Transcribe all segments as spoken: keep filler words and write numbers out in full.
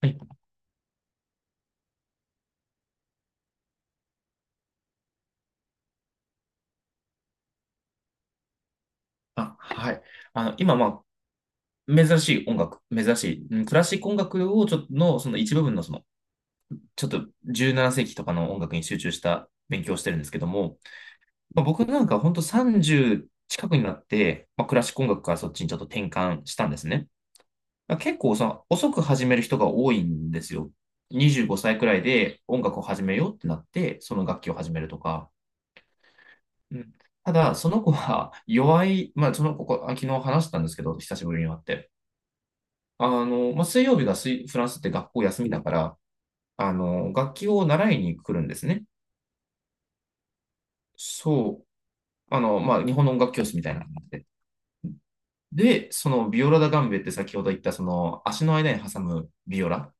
はい。あ、はい。あの、今、まあ、珍しい音楽、珍しい、うんクラシック音楽をちょっとの、その一部分の、その、ちょっとじゅうななせいき世紀とかの音楽に集中した勉強をしてるんですけども、まあ、僕なんか本当さんじゅう近くになって、まあ、クラシック音楽からそっちにちょっと転換したんですね。まあ、結構、その、遅く始める人が多いんですよ。にじゅうごさいくらいで音楽を始めようってなって、その楽器を始めるとか。うん、ただ、その子は弱い、まあ、その子、ここあ昨日話したんですけど、久しぶりに会って。あの、まあ、水曜日が水フランスって学校休みだから、あの、楽器を習いに来るんですね。そう。あの、まあ、日本の音楽教室みたいな感じで。で、そのビオラダガンベって先ほど言った、その足の間に挟むビオラっ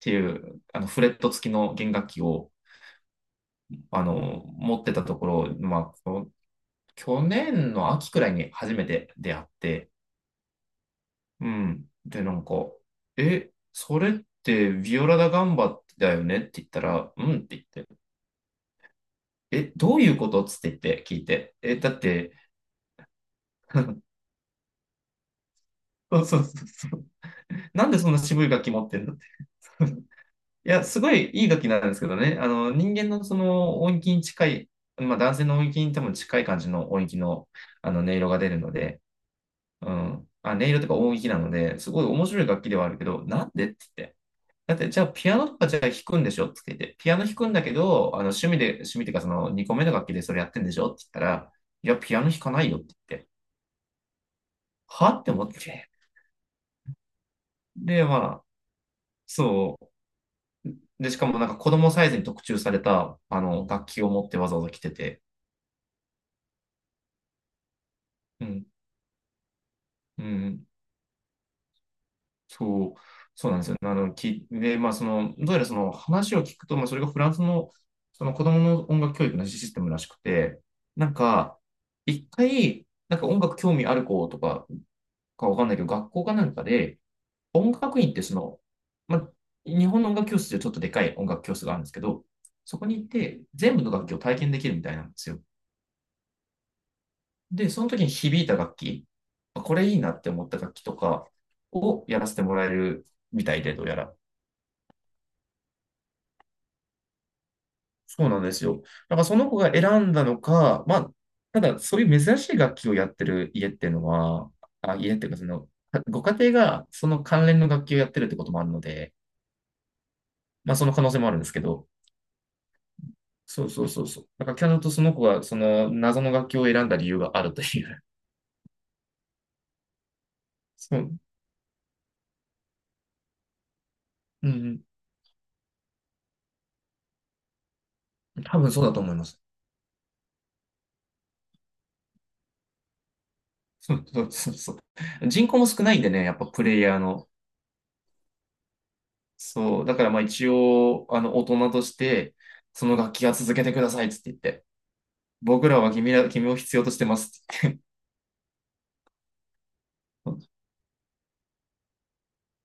ていう、あの、フレット付きの弦楽器を、あの、持ってたところ、まあ、この去年の秋くらいに初めて出会って、うん。で、なんか、え、それってビオラダガンバだよねって言ったら、うんって言って、え、どういうことつって言って聞いて。え、だって、そうそうそうそう。なんでそんな渋い楽器持ってんだって。いや、すごいいい楽器なんですけどね。あの、人間のその音域に近い、まあ男性の音域に多分近い感じの音域の、あの音色が出るので、うん。あ、音色とか音域なので、すごい面白い楽器ではあるけど、なんでって言って。だって、じゃあピアノとかじゃあ弾くんでしょって言って、ピアノ弾くんだけど、あの趣味で、趣味っていうかそのにこめの楽器でそれやってんでしょって言ったら、いや、ピアノ弾かないよって言って。はって思って。で、まあ、そう。で、しかもなんか子供サイズに特注された、あの、楽器を持ってわざわざ来てて。うん。うん。そう。そうなんですよ。あの、き、で、まあ、その、どうやらその話を聞くと、まあ、それがフランスの、その子供の音楽教育のシステムらしくて、なんか、一回、なんか音楽興味ある子とかかわかんないけど、学校かなんかで、音楽院ってその、ま、日本の音楽教室でちょっとでかい音楽教室があるんですけど、そこに行って全部の楽器を体験できるみたいなんですよ。で、その時に響いた楽器、これいいなって思った楽器とかをやらせてもらえるみたいで、どうやら。そうなんですよ。だからその子が選んだのか、まあ、ただそういう珍しい楽器をやってる家っていうのは、あ、家っていうかその、ご家庭がその関連の楽器をやってるってこともあるので、まあその可能性もあるんですけど、そうそうそうそう。だからキャノとその子がその謎の楽器を選んだ理由があるという。そう。うんうん。多分そうだと思います。そうそうそうそう。人口も少ないんでね、やっぱプレイヤーの。そう。だからまあ一応、あの、大人として、その楽器は続けてくださいっつって言って。僕らは君ら、君を必要としてますって言って。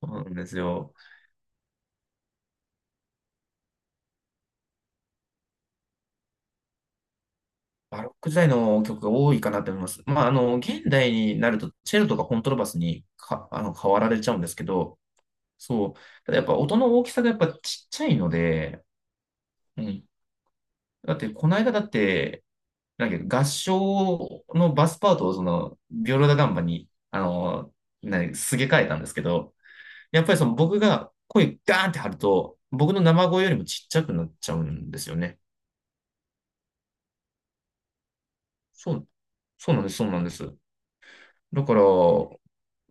そうなんですよ。バロック時代の曲が多いかなと思います。まあ、あの、現代になると、チェロとかコントラバスにか、あの、変わられちゃうんですけど、そう。ただやっぱ音の大きさがやっぱちっちゃいので、うん。だってこの間だって、なんだっけ合唱のバスパートをその、ビオラダガンバに、あの、なすげ替えたんですけど、やっぱりその僕が声ガーンって張ると、僕の生声よりもちっちゃくなっちゃうんですよね。そう、そうなんです、そうなんです。だから、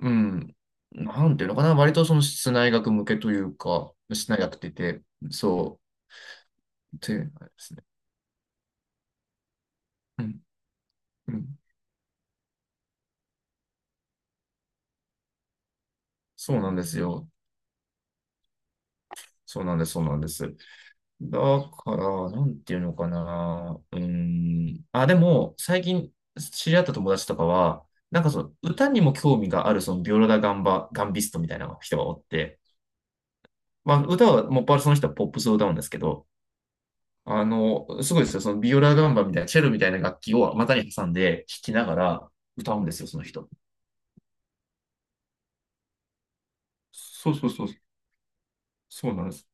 うん、なんていうのかな、割とその室内楽向けというか、室内楽って言って、そう、ってあれですね。うんうん、そうなんですよ。そうなんです、そうなんです。だから、なんていうのかな。うーん。あ、でも、最近知り合った友達とかは、なんかその歌にも興味がある、そのビオラダ・ガンバ、ガンビストみたいな人がおって、まあ、歌は、もっぱらその人はポップスを歌うんですけど、あの、すごいですよ。そのビオラ・ガンバみたいな、チェロみたいな楽器を股に挟んで弾きながら歌うんですよ、その人。そうそうそう。そうなんです。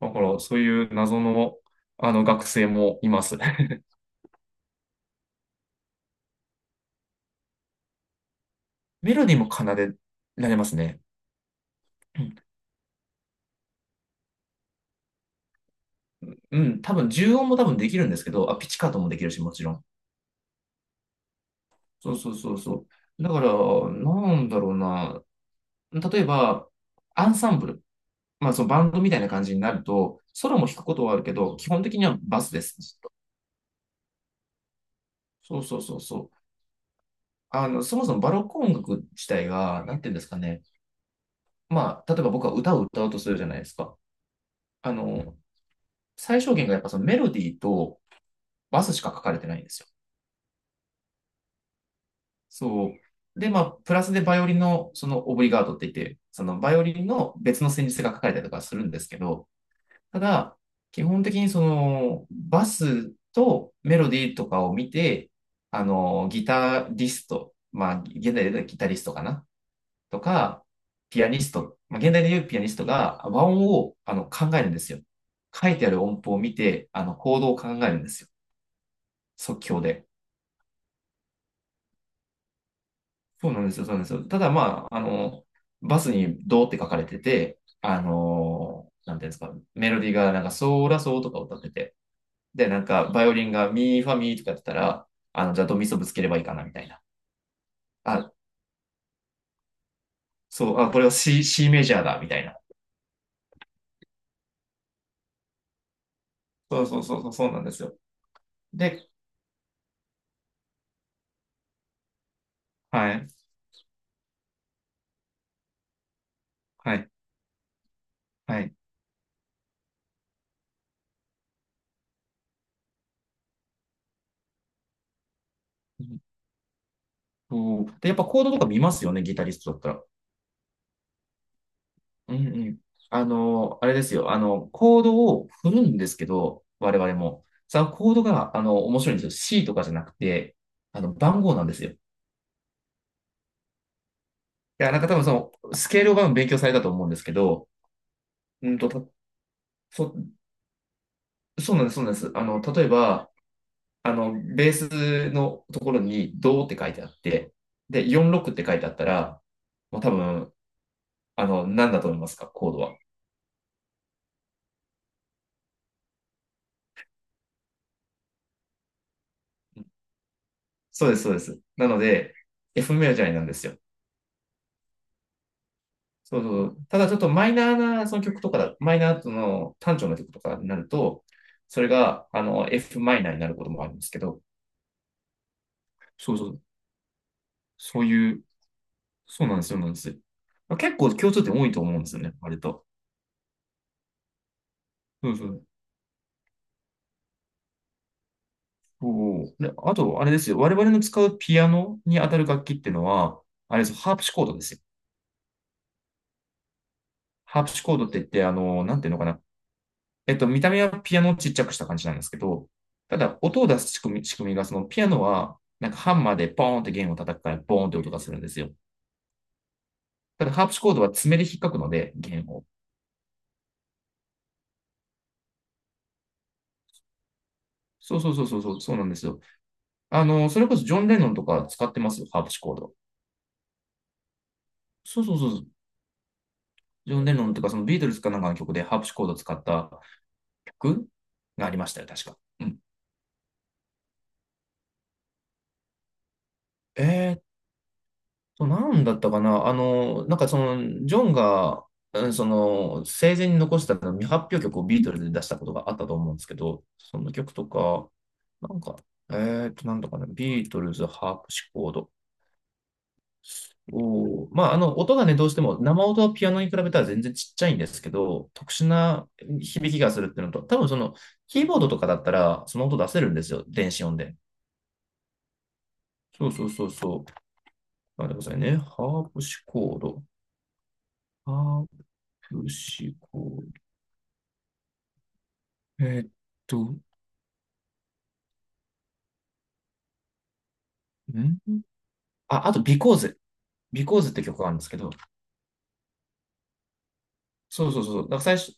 だから、そういう謎の、あの学生もいます。メロディーも奏でられますね。うん、うん多分、重音も多分できるんですけど、あ、ピチカートもできるし、もちろん。そうそうそうそう。だから、なんだろうな。例えば、アンサンブル。まあ、そのバンドみたいな感じになると、ソロも弾くことはあるけど、基本的にはバスです。ずっとそうそうそうそう。あの、そもそもバロック音楽自体が、なんていうんですかね。まあ、例えば僕は歌を歌うとするじゃないですか。あの、最小限がやっぱそのメロディーとバスしか書かれてないんですよ。そう。で、まあ、プラスでバイオリンの、その、オブリガードって言って、その、バイオリンの別の旋律が書かれたりとかするんですけど、ただ、基本的にその、バスとメロディーとかを見て、あの、ギタリスト、まあ、現代で言うとギタリストかなとか、ピアニスト、まあ、現代で言うピアニストが和音をあの考えるんですよ。書いてある音符を見て、あの、コードを考えるんですよ。即興で。そうなんですよ、そうなんですよ。ただまあ、あの、バスにドーって書かれてて、あの、なんていうんですか、メロディーがなんかソーラソーとか歌ってて、で、なんかバイオリンがミーファミーとかやってたら、あの、じゃあドミソぶつければいいかな、みたいな。あ、そう、あ、これは C、シーメジャーだ、みたいな。そうそうそうそう、そうなんですよ。で、はい、はい、はい。うんとで、やっぱコードとか見ますよね、ギタリストだったら。うんうん。あの、あれですよ。あの、コードを振るんですけど、我々も。そのコードが、あの、面白いんですよ。C とかじゃなくて、あの、番号なんですよ。いや、なんか多分その、スケールを多分勉強されたと思うんですけど、うんと、た、そ、そうなんです、そうなんです。あの、例えば、あの、ベースのところに、ドって書いてあって、で、よんろくって書いてあったら、もう多分、あの、何だと思いますか、コードは。そうです、そうです。なので、エフメロじゃないなんですよ。そうそう。ただちょっとマイナーなその曲とかだ、マイナーの単調な曲とかになると、それがあの エフ マイナーになることもあるんですけど、そうそう、そういう、そうなんですよ、そうなんですよ。まあ結構共通点多いと思うんですよね、割と。そうそう。そうで、あと、あれですよ、我々の使うピアノに当たる楽器っていうのは、あれですよ、ハープシコードですよ。ハープシコードって言って、あの、なんていうのかな、えっと、見た目はピアノをちっちゃくした感じなんですけど、ただ、音を出す仕組み、仕組みが、そのピアノは、なんかハンマーでポーンって弦を叩くから、ボーンって音がするんですよ。ただ、ハープシコードは爪で引っかくので、弦を。そうそうそうそうそう、そうなんですよ。あの、それこそジョン・レノンとか使ってますよ、ハープシコード。そうそうそうそう、ジョン・レノンとか、そのビートルズかなんかの曲でハープシコードを使った曲がありましたよ、確か。うん。えーそう、なんだったかな。あの、なんかその、ジョンが、うんその、生前に残した未発表曲をビートルズで出したことがあったと思うんですけど、その曲とか、なんか、えーと、なんだかな、ビートルズ、ハープシコード。おーまあ、あの、音がね、どうしても、生音はピアノに比べたら全然ちっちゃいんですけど、特殊な響きがするっていうのと、多分その、キーボードとかだったら、その音出せるんですよ、電子音で。そうそうそうそう。待ってくださいね。ハープシコード。ハープシコード。えーっと、んあ、あと、ビコーズ。ビコーズって曲があるんですけど、そうそうそう。だから最初、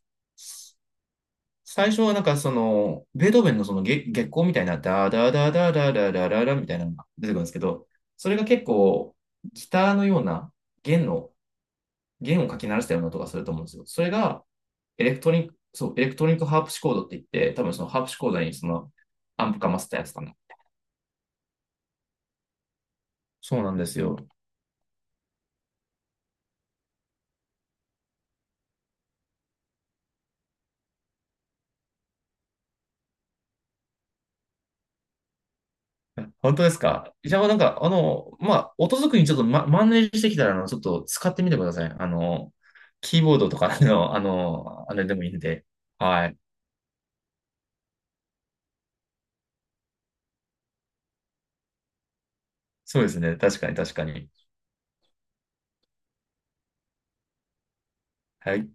最初はなんかその、ベートーベンのその月、月光みたいな、ダダダダダダダダダみたいなのが出てくるんですけど、それが結構、ギターのような弦の、弦をかき鳴らしたような音がすると思うんですよ。それが、エレクトリック、そう、エレクトリックハープシコードって言って、多分そのハープシコードにその、アンプかませたやつかな。そうなんですよ。本当ですか。じゃあ、なんか、あの、まあ、音作りにちょっと、ま、マネージしてきたら、あの、ちょっと使ってみてください。あの、キーボードとかの、あの、あれでもいいんで。はい。そうですね。確かに、確かに。はい。